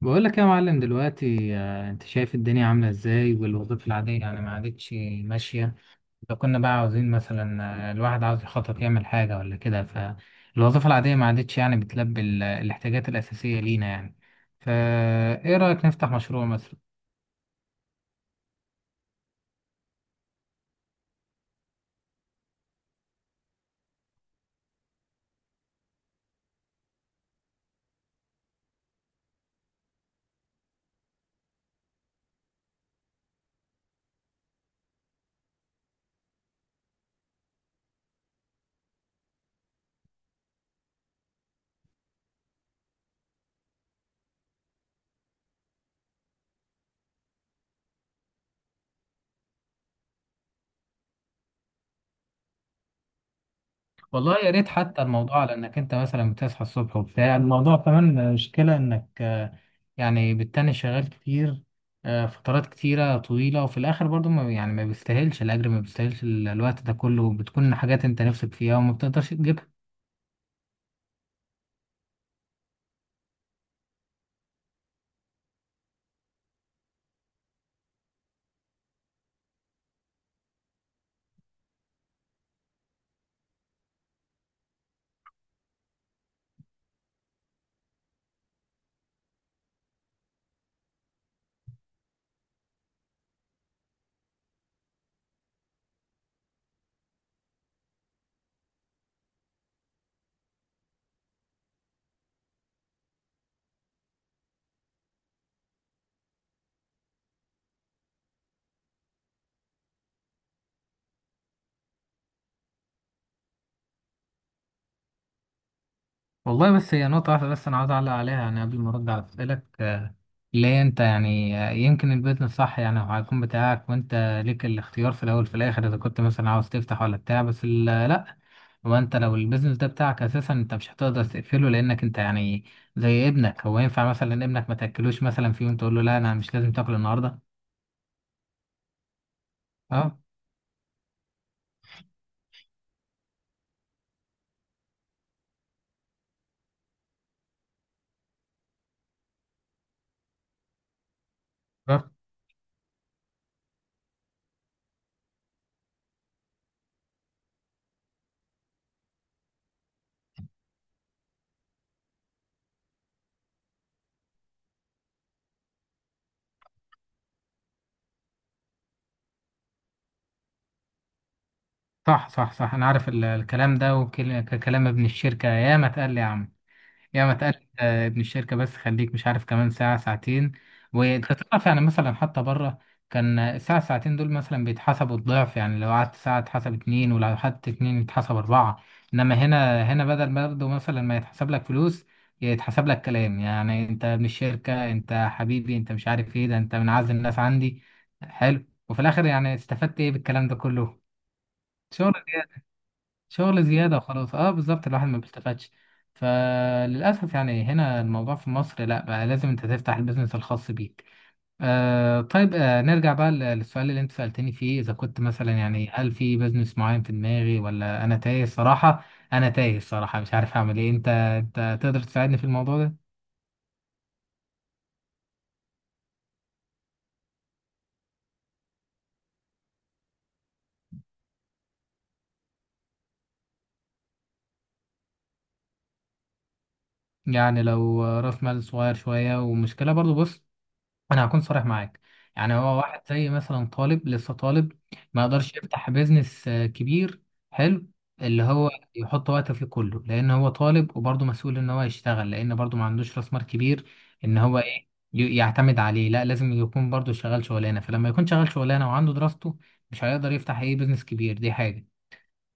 بقول لك يا معلم دلوقتي، انت شايف الدنيا عامله ازاي والوظيفه العاديه يعني ما عادتش ماشيه. لو كنا بقى عاوزين مثلا، الواحد عاوز يخطط يعمل حاجه ولا كده. فالوظيفه العاديه ما عادتش يعني بتلبي الاحتياجات الاساسيه لينا يعني. فايه رايك نفتح مشروع مثلا؟ والله يا ريت، حتى الموضوع على انك انت مثلا بتصحى الصبح وبتاع الموضوع، كمان مشكلة انك يعني بالتاني شغال كتير، فترات كتيرة طويلة، وفي الاخر برضو ما يعني ما بيستاهلش الاجر، ما بيستاهلش الوقت ده كله، بتكون حاجات انت نفسك فيها وما بتقدرش تجيبها. والله بس هي نقطة واحدة بس انا عايز اعلق عليها يعني قبل ما ارد على اسئلك. ليه انت يعني يمكن البيزنس صح، يعني هو هيكون بتاعك وانت ليك الاختيار في الاول في الاخر، اذا كنت مثلا عاوز تفتح ولا بتاع، بس لا، هو انت لو البيزنس ده بتاعك اساسا انت مش هتقدر تقفله، لانك انت يعني زي ابنك. هو ينفع مثلا ابنك ما تاكلوش مثلا في يوم تقول له لا، انا مش لازم تاكل النهارده؟ اه، صح، صح، صح، انا عارف الكلام ده وكلام ابن الشركه، ياما اتقال لي يا عم يا ما تقلق، ابن الشركة، بس خليك مش عارف كمان ساعة ساعتين. وانت تعرف يعني مثلا حتى بره، كان الساعة ساعتين دول مثلا بيتحسبوا الضعف، يعني لو قعدت ساعة اتحسب اتنين، ولو قعدت اتنين يتحسب أربعة. إنما هنا بدل برضه مثلا ما يتحسب لك فلوس يتحسب لك كلام، يعني أنت ابن الشركة، أنت حبيبي، أنت مش عارف إيه ده، أنت من أعز الناس عندي. حلو. وفي الآخر يعني استفدت إيه بالكلام ده كله؟ شغل. شغل زيادة وخلاص. اه، بالظبط، الواحد ما بيستفادش. فللأسف يعني هنا الموضوع في مصر، لا بقى لازم انت تفتح البيزنس الخاص بيك. طيب، نرجع بقى للسؤال اللي انت سألتني فيه، إذا كنت مثلا يعني هل في بيزنس معين في دماغي ولا أنا تايه الصراحة. أنا تايه الصراحة مش عارف أعمل إيه. انت تقدر تساعدني في الموضوع ده؟ يعني لو رأس مال صغير شوية، ومشكلة برضو، بص انا هكون صريح معاك. يعني هو واحد زي مثلا طالب، لسه طالب، ما يقدرش يفتح بيزنس كبير. حلو، اللي هو يحط وقته فيه كله، لان هو طالب وبرضه مسؤول ان هو يشتغل، لان برضه ما عندوش راس مال كبير. ان هو ايه يعتمد عليه، لا لازم يكون برضه شغال شغلانه. فلما يكون شغال شغلانه وعنده دراسته، مش هيقدر يفتح اي بيزنس كبير، دي حاجه.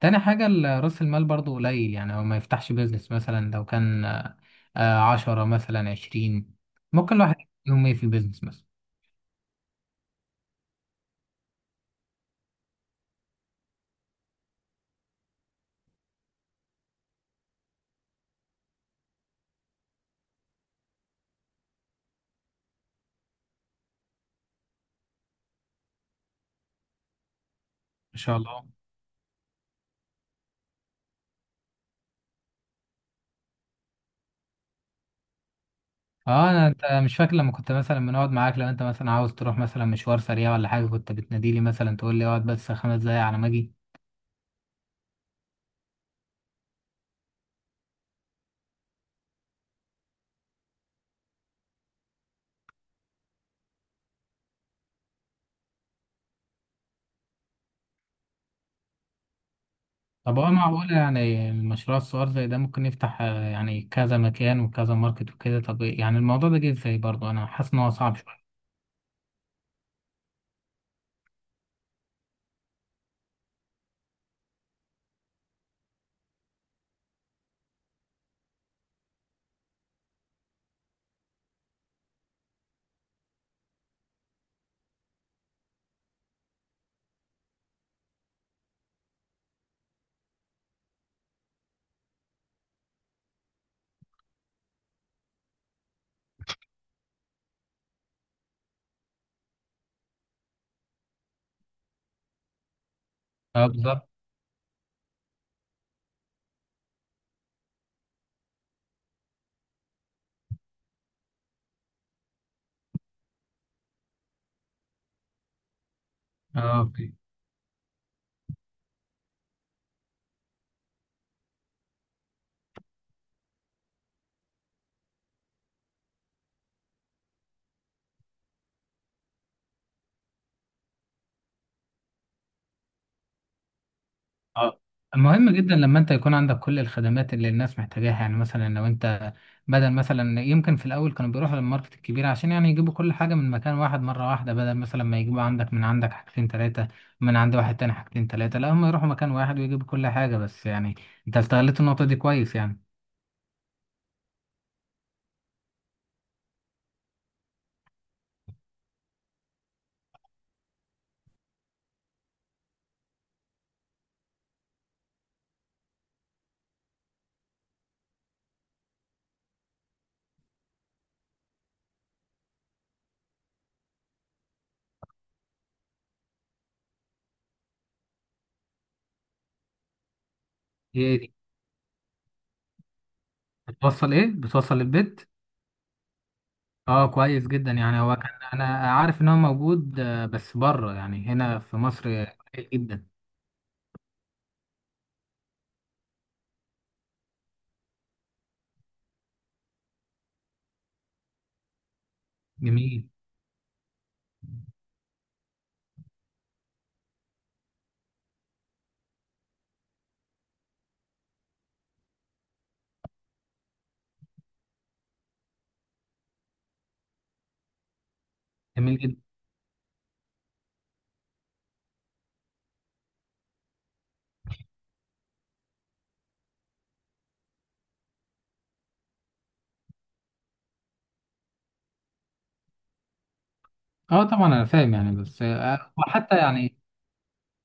تاني حاجه، راس المال برضه قليل، يعني هو ما يفتحش بيزنس مثلا لو كان 10 مثلا 20. ممكن الواحد يوم ايه في البيزنس مثلا. ان شاء الله. اه، انت مش فاكر لما كنت مثلا بنقعد معاك، لو انت مثلا عاوز تروح مثلا مشوار سريع ولا حاجه، كنت بتناديلي مثلا تقول لي اقعد بس 5 دقايق على ما اجي. طب هو معقول يعني المشروع الصغير زي ده ممكن يفتح يعني كذا مكان وكذا ماركت وكده؟ طب يعني الموضوع ده جه ازاي برضه؟ انا حاسس ان هو صعب شويه. اه، بالظبط. اه. اه، مهم جدا لما انت يكون عندك كل الخدمات اللي الناس محتاجاها، يعني مثلا لو انت بدل مثلا، يمكن في الاول كانوا بيروحوا للماركت الكبير عشان يعني يجيبوا كل حاجه من مكان واحد مره واحده، بدل مثلا ما يجيبوا عندك من عندك حاجتين ثلاثه، من عند واحد تاني حاجتين ثلاثه، لا هم يروحوا مكان واحد ويجيبوا كل حاجه بس. يعني انت استغلت النقطه دي كويس يعني. ايه دي؟ بتوصل للبيت؟ اه، كويس جدا. يعني هو كان انا عارف ان هو موجود، بس بره، يعني هنا في مصر قليل جدا. جميل. جميل. اه طبعا انا فاهم يعني، بس وحتى يعني.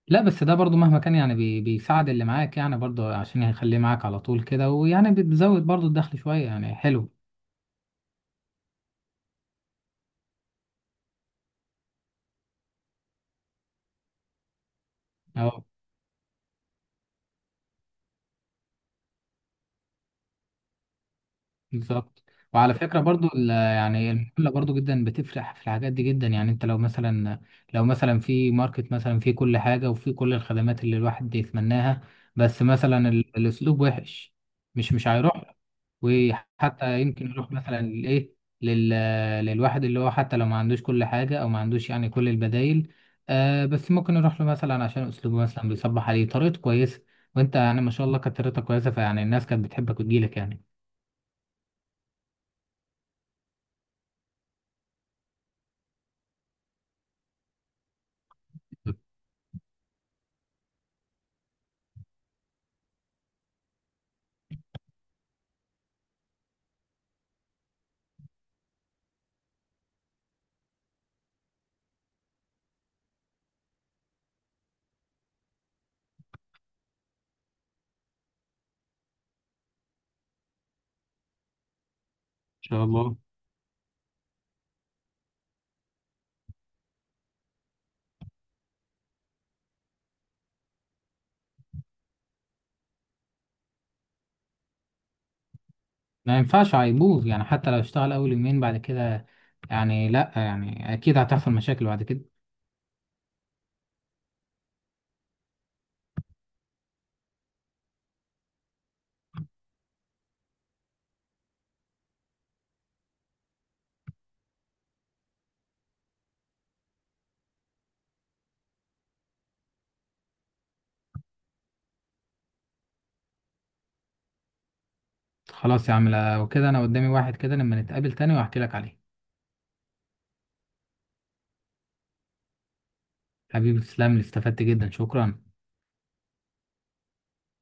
لا بس ده برضو مهما كان يعني بيساعد اللي معاك، يعني برضو عشان يخليه معاك على طول كده، ويعني بتزود برضو الدخل شوية يعني، حلو. اه، بالظبط. وعلى فكرة برضو يعني المحلة برضو جدا بتفرح في الحاجات دي جدا، يعني انت لو مثلا، لو مثلا في ماركت مثلا في كل حاجة وفي كل الخدمات اللي الواحد يتمناها، بس مثلا الاسلوب وحش، مش هيروح. وحتى يمكن يروح مثلا لل... للواحد اللي هو حتى لو ما عندوش كل حاجة او ما عندوش يعني كل البدايل، بس ممكن يروح له مثلا عشان اسلوبه مثلا بيصبح عليه طريقته كويسة. وانت يعني ما شاء الله كانت طريقتك كويسة، فيعني الناس كانت بتحبك وتجيلك يعني. ان شاء الله. ما ينفعش، هيبوظ يعني حتى لو اشتغل اول يومين بعد كده، يعني لا، يعني اكيد هتحصل مشاكل بعد كده. خلاص يا عم، لو كده انا قدامي واحد كده، لما نتقابل تاني وهحكي لك عليه. حبيبي، تسلم لي، استفدت جدا، شكرا.